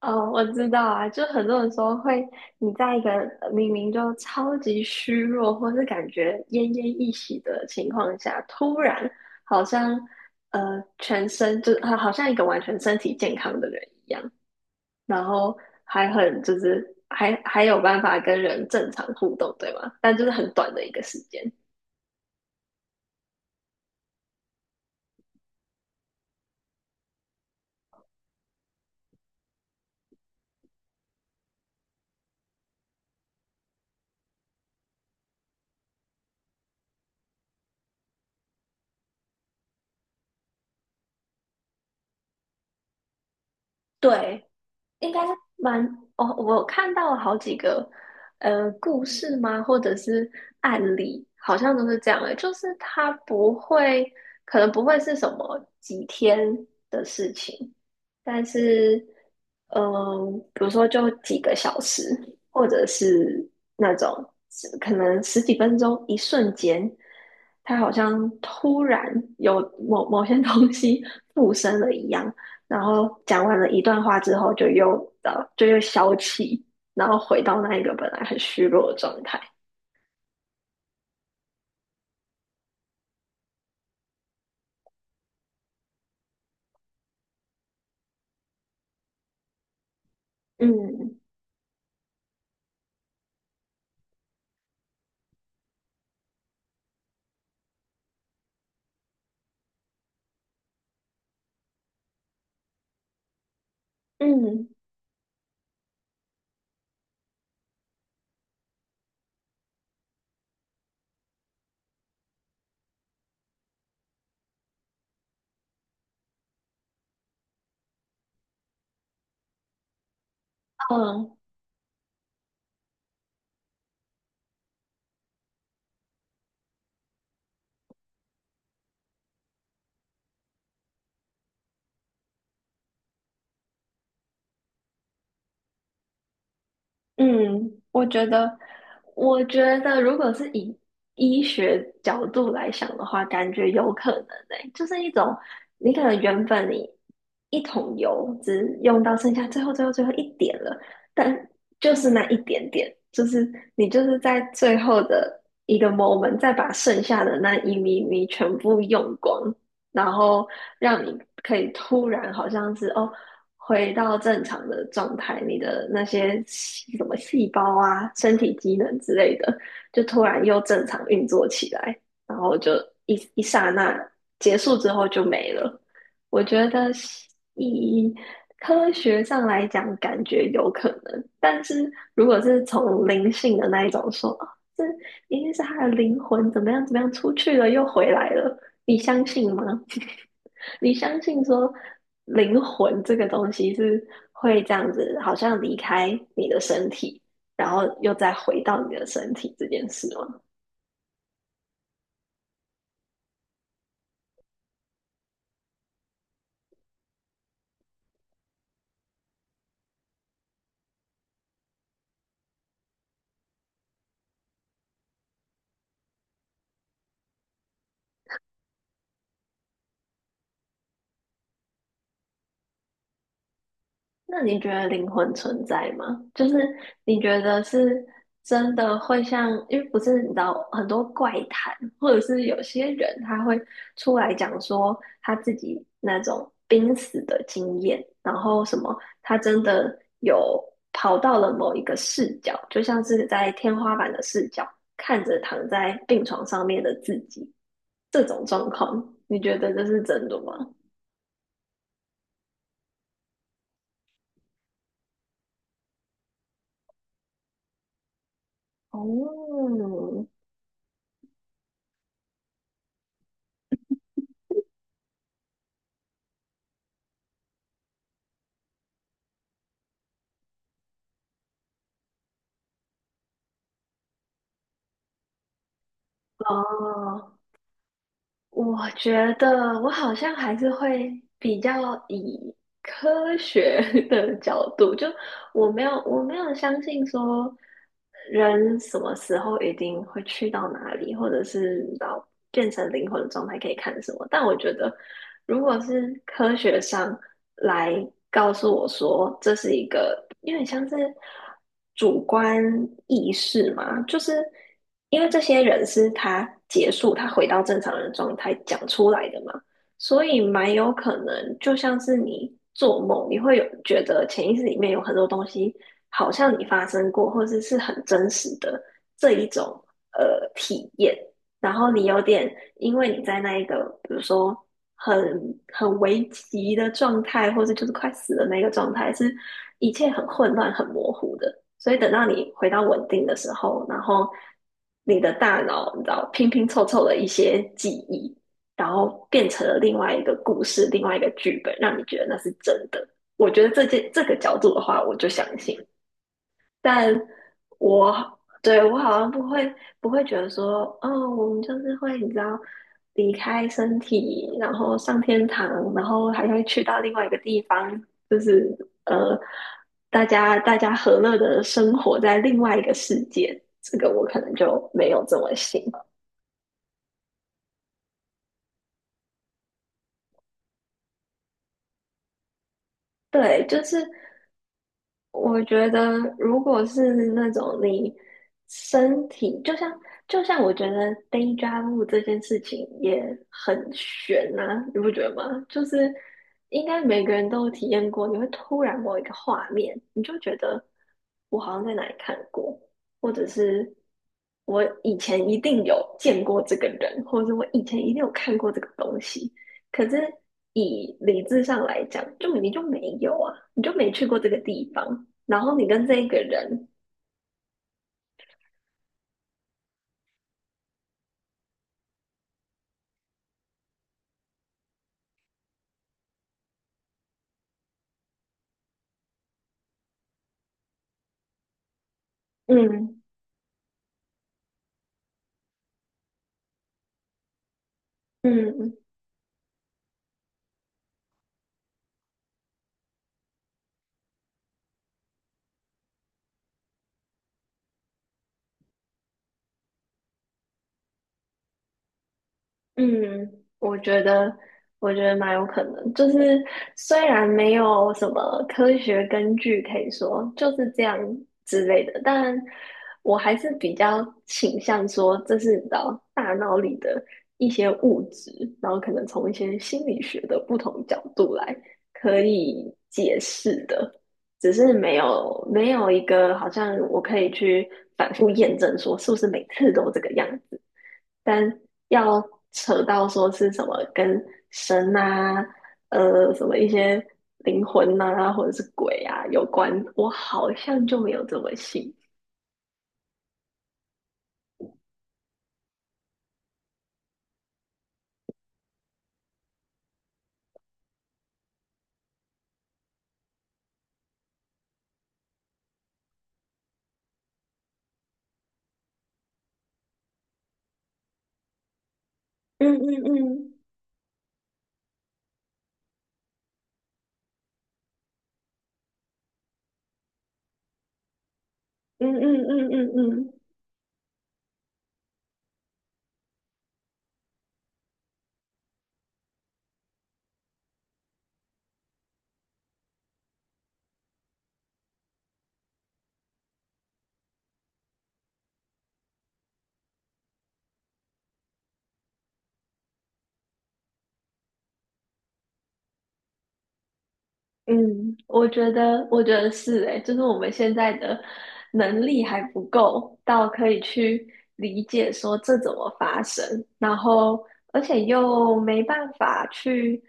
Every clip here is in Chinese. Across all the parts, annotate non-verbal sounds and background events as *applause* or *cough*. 哦，我知道啊，就很多人说会，你在一个明明就超级虚弱，或是感觉奄奄一息的情况下，突然好像全身就好像一个完全身体健康的人一样，然后还很就是还还有办法跟人正常互动，对吗？但就是很短的一个时间。对，应该蛮哦，我看到了好几个故事吗，或者是案例，好像都是这样的，就是它不会，可能不会是什么几天的事情，但是比如说就几个小时，或者是那种可能十几分钟，一瞬间，它好像突然有某些东西附身了一样，然后讲完了一段话之后，呃，就又消气，然后回到那一个本来很虚弱的状态。嗯嗯嗯，嗯，我觉得，我觉得如果是以医学角度来想的话，感觉有可能欸，就是一种你可能原本你一桶油只用到剩下最后最后最后一点了，但就是那一点点，就是你就是在最后的一个 moment 再把剩下的那一咪咪全部用光，然后让你可以突然好像是哦。回到正常的状态，你的那些细什么细胞啊、身体机能之类的，就突然又正常运作起来，然后就一刹那结束之后就没了。我觉得以科学上来讲，感觉有可能，但是如果是从灵性的那一种说，哦这一定是他的灵魂怎么样怎么样出去了又回来了，你相信吗？*laughs* 你相信说灵魂这个东西是会这样子，好像离开你的身体，然后又再回到你的身体这件事吗？那你觉得灵魂存在吗？就是你觉得是真的会像，因为不是你知道很多怪谈，或者是有些人他会出来讲说他自己那种濒死的经验，然后什么他真的有跑到了某一个视角，就像是在天花板的视角看着躺在病床上面的自己，这种状况，你觉得这是真的吗？哦，哦，我觉得我好像还是会比较以科学 *laughs* 的角度，就我没有相信说人什么时候一定会去到哪里，或者是到变成灵魂的状态可以看什么。但我觉得如果是科学上来告诉我说这是一个有点像是主观意识嘛，就是因为这些人是他结束他回到正常人状态讲出来的嘛，所以蛮有可能就像是你做梦，你会有觉得潜意识里面有很多东西好像你发生过，或者是很真实的这一种体验。然后你有点，因为你在那一个，比如说很很危急的状态，或是就是快死的那个状态，是一切很混乱、很模糊的。所以等到你回到稳定的时候，然后你的大脑你知道拼拼凑凑的一些记忆，然后变成了另外一个故事、另外一个剧本，让你觉得那是真的。我觉得这件这个角度的话，我就相信。但我好像不会觉得说，哦，我们就是会你知道离开身体，然后上天堂，然后还会去到另外一个地方，就是呃，大家和乐的生活在另外一个世界，这个我可能就没有这么信。对，就是。我觉得，如果是那种你身体，就像我觉得 day job 这件事情也很悬呐、你不觉得吗？就是应该每个人都有体验过，你会突然某一个画面，你就觉得我好像在哪里看过，或者是我以前一定有见过这个人，或者是我以前一定有看过这个东西。可是以理智上来讲，就你就没有啊，你就没去过这个地方，然后你跟这一个人，嗯嗯嗯，我觉得，我觉得蛮有可能，就是虽然没有什么科学根据可以说就是这样之类的，但我还是比较倾向说这是你知道大脑里的一些物质，然后可能从一些心理学的不同角度来可以解释的，只是没有一个好像我可以去反复验证说是不是每次都这个样，但要扯到说是什么跟神啊，什么一些灵魂呐、啊，或者是鬼啊有关，我好像就没有这么信。嗯嗯嗯嗯嗯嗯嗯嗯。嗯嗯，我觉得是诶，就是我们现在的能力还不够到可以去理解说这怎么发生，然后而且又没办法去，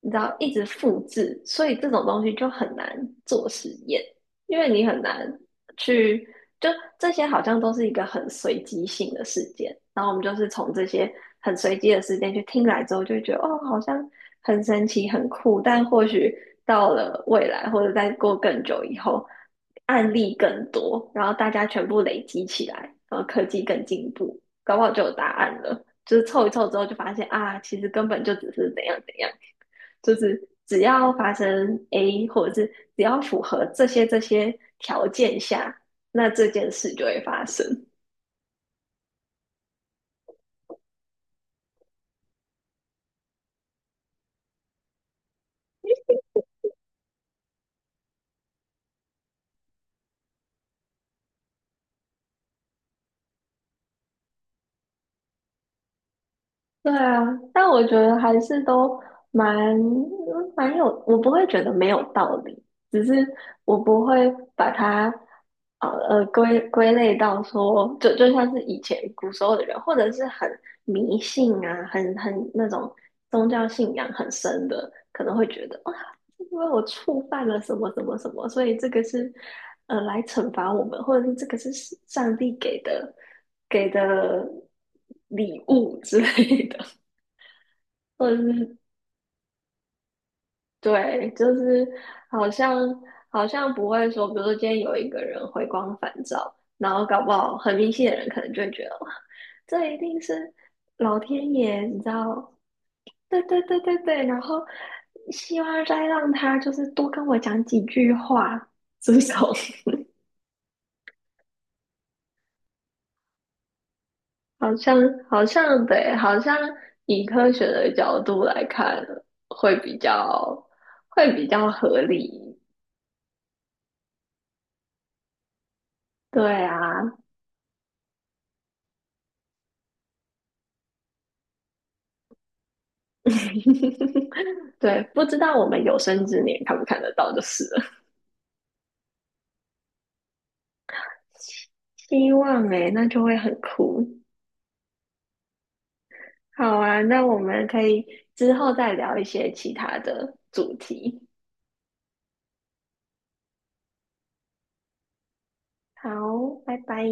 你知道，一直复制，所以这种东西就很难做实验，因为你很难去，就这些好像都是一个很随机性的事件，然后我们就是从这些很随机的事件去听来之后，就会觉得哦，好像很神奇、很酷，但或许到了未来或者再过更久以后，案例更多，然后大家全部累积起来，然后科技更进步，搞不好就有答案了。就是凑一凑之后，就发现啊，其实根本就只是怎样怎样，就是只要发生 A，或者是只要符合这些条件下，那这件事就会发生。对啊，但我觉得还是都蛮蛮有，我不会觉得没有道理，只是我不会把它归类到说，就像是以前古时候的人，或者是很迷信啊，很那种宗教信仰很深的，可能会觉得哦，因为我触犯了什么什么什么，所以这个是来惩罚我们，或者是这个是上帝给的礼物之类的，*laughs* 或者是对，就是好像好像不会说，比如说今天有一个人回光返照，然后搞不好很迷信的人可能就会觉得哇，这一定是老天爷，你知道。对对对对对，然后希望再让他就是多跟我讲几句话，这种 *laughs* 好像好像对，好像以科学的角度来看，会比较会比较合理。对啊，*laughs* 对，不知道我们有生之年看不看得到就是了。希望诶、那就会很酷。好啊，那我们可以之后再聊一些其他的主题。好，拜拜。